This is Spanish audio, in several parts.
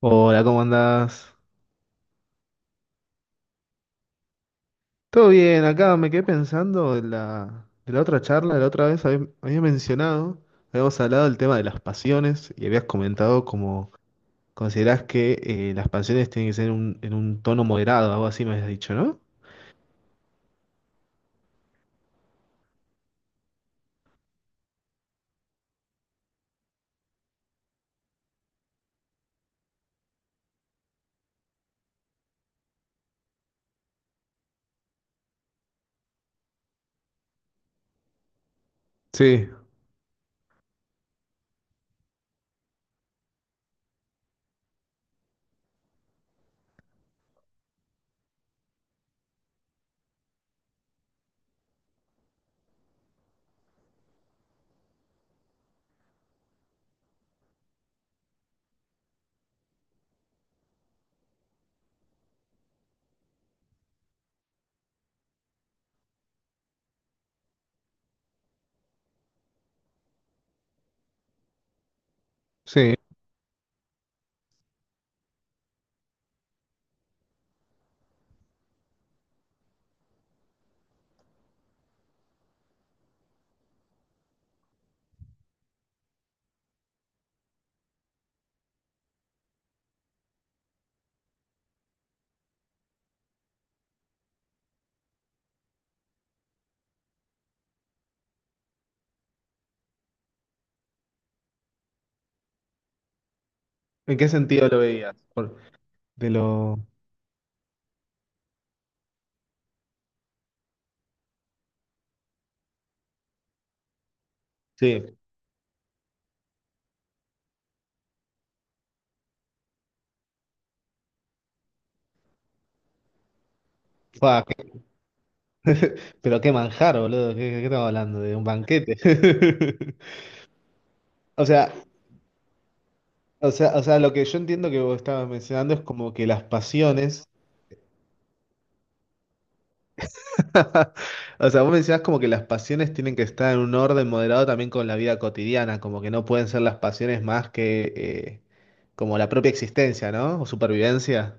Hola, ¿cómo andás? Todo bien, acá me quedé pensando en la otra charla, de la otra vez habías mencionado, habíamos hablado del tema de las pasiones y habías comentado como considerás que las pasiones tienen que ser en un tono moderado, algo así me habías dicho, ¿no? Sí, sí. ¿En qué sentido lo veías? De lo... Sí. Fua, Pero qué manjar, boludo, ¿qué estamos hablando? De un banquete. O sea, o sea, lo que yo entiendo que vos estabas mencionando es como que las pasiones O sea, vos mencionás como que las pasiones tienen que estar en un orden moderado también con la vida cotidiana, como que no pueden ser las pasiones más que como la propia existencia, ¿no? O supervivencia.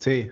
Sí,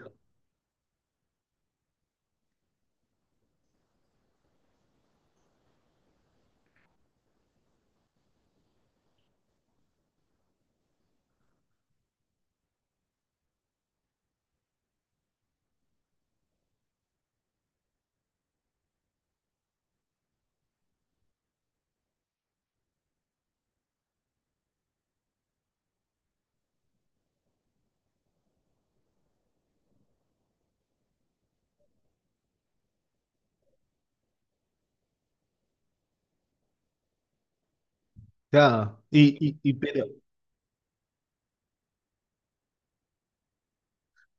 claro. Y pero,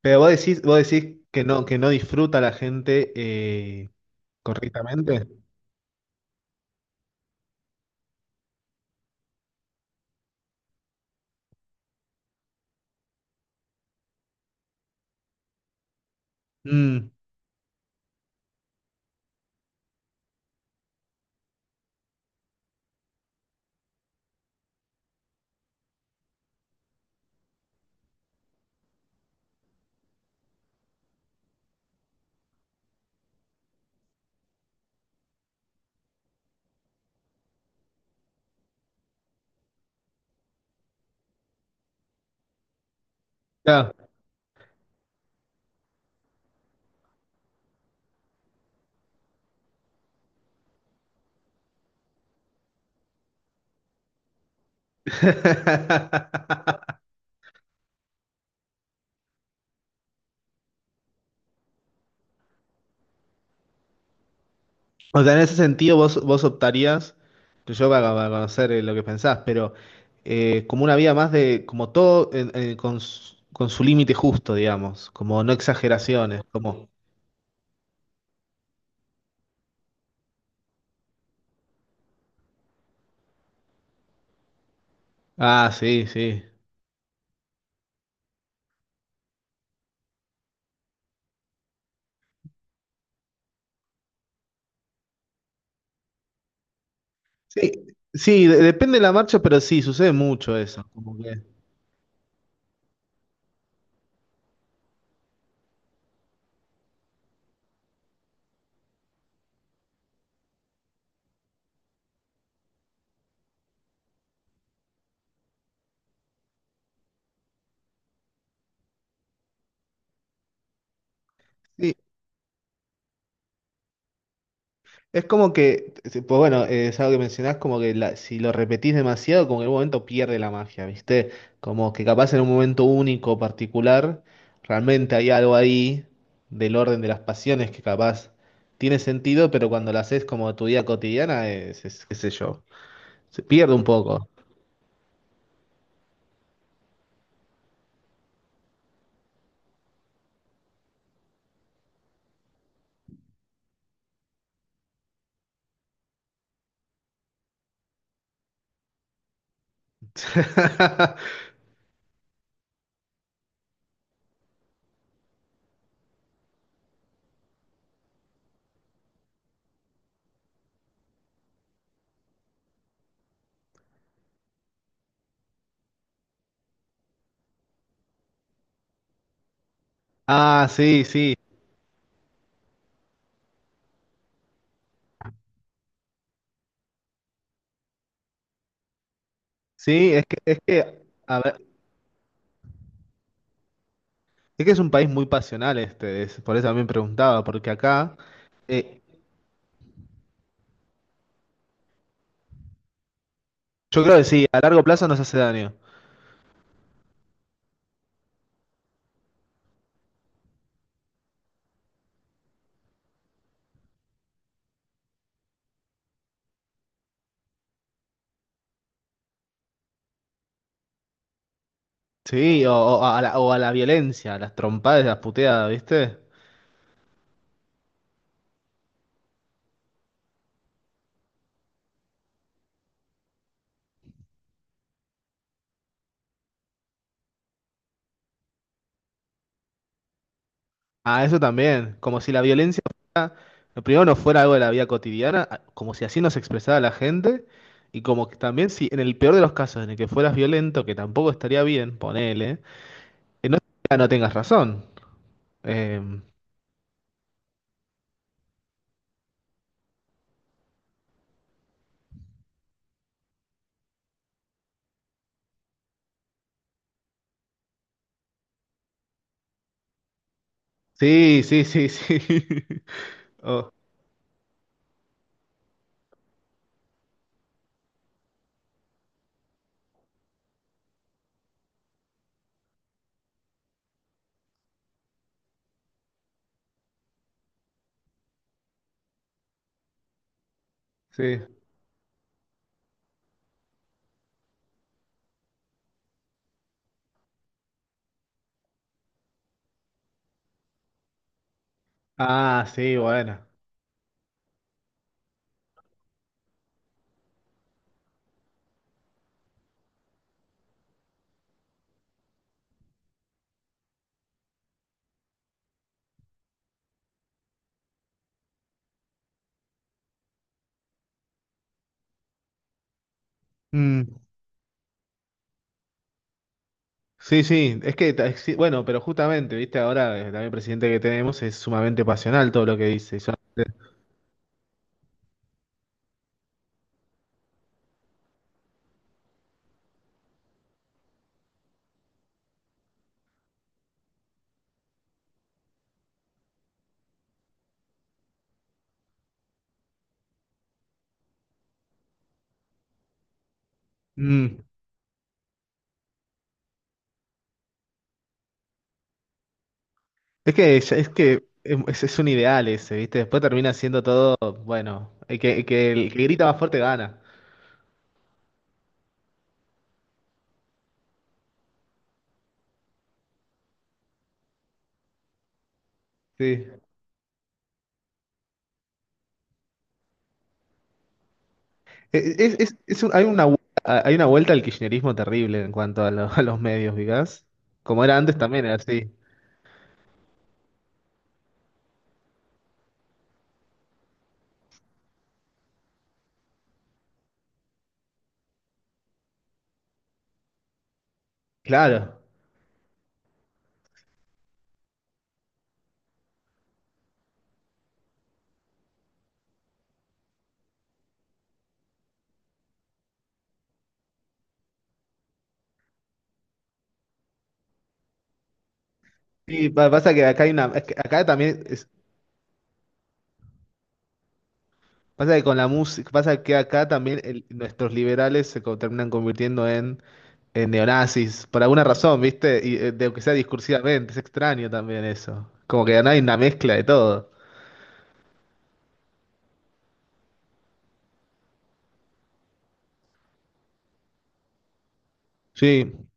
pero vos decís que no disfruta la gente correctamente. Mm, claro. O sea, en ese sentido vos optarías, que yo para conocer lo que pensás, pero como una vida más de, como todo con su límite justo, digamos, como no exageraciones, como... Ah, sí, sí. Sí, sí, depende de la marcha, pero sí, sucede mucho eso. Como que, sí. Es como que, pues bueno, es algo que mencionás, como que si lo repetís demasiado, como que en un momento pierde la magia, ¿viste? Como que capaz en un momento único, particular, realmente hay algo ahí del orden de las pasiones que capaz tiene sentido, pero cuando lo haces como tu vida cotidiana, es, qué sé yo, se pierde un poco. Ah, sí, sí, sí, es que, a ver, es que es un país muy pasional este, por eso también preguntaba, porque acá... eh, Yo creo que sí, a largo plazo nos hace daño. Sí, o a la violencia, a las trompadas, las puteadas, ¿viste? A eso también, como si la violencia fuera, primero no fuera algo de la vida cotidiana, como si así nos expresara la gente, y como que también si en el peor de los casos en el que fueras violento, que tampoco estaría bien, ponele, que no, no tengas razón. Em, sí, sí, sí, sí. Oh, sí. Ah, sí, bueno. Mm. Sí, sí, es que, sí, bueno, pero justamente, viste, ahora también el presidente que tenemos es sumamente pasional todo lo que dice. Mm. Es que, es un ideal ese, viste, después termina siendo todo, bueno, el que grita más fuerte gana. Sí. Hay una, hay una vuelta al kirchnerismo terrible en cuanto a, a los medios, ¿vicás? Como era antes también, era así. Claro. Pasa que acá hay una, es que acá también pasa que con la música, pasa que acá también nuestros liberales terminan convirtiendo en neonazis, por alguna razón, ¿viste? Y de que sea discursivamente, es extraño también eso. Como que no hay una mezcla de todo. Sí.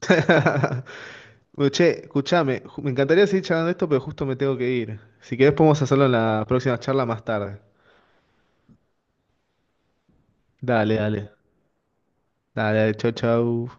Bueno, che, escúchame, me encantaría seguir charlando de esto, pero justo me tengo que ir. Si querés podemos hacerlo en la próxima charla más tarde. Dale. Dale, chau, chau.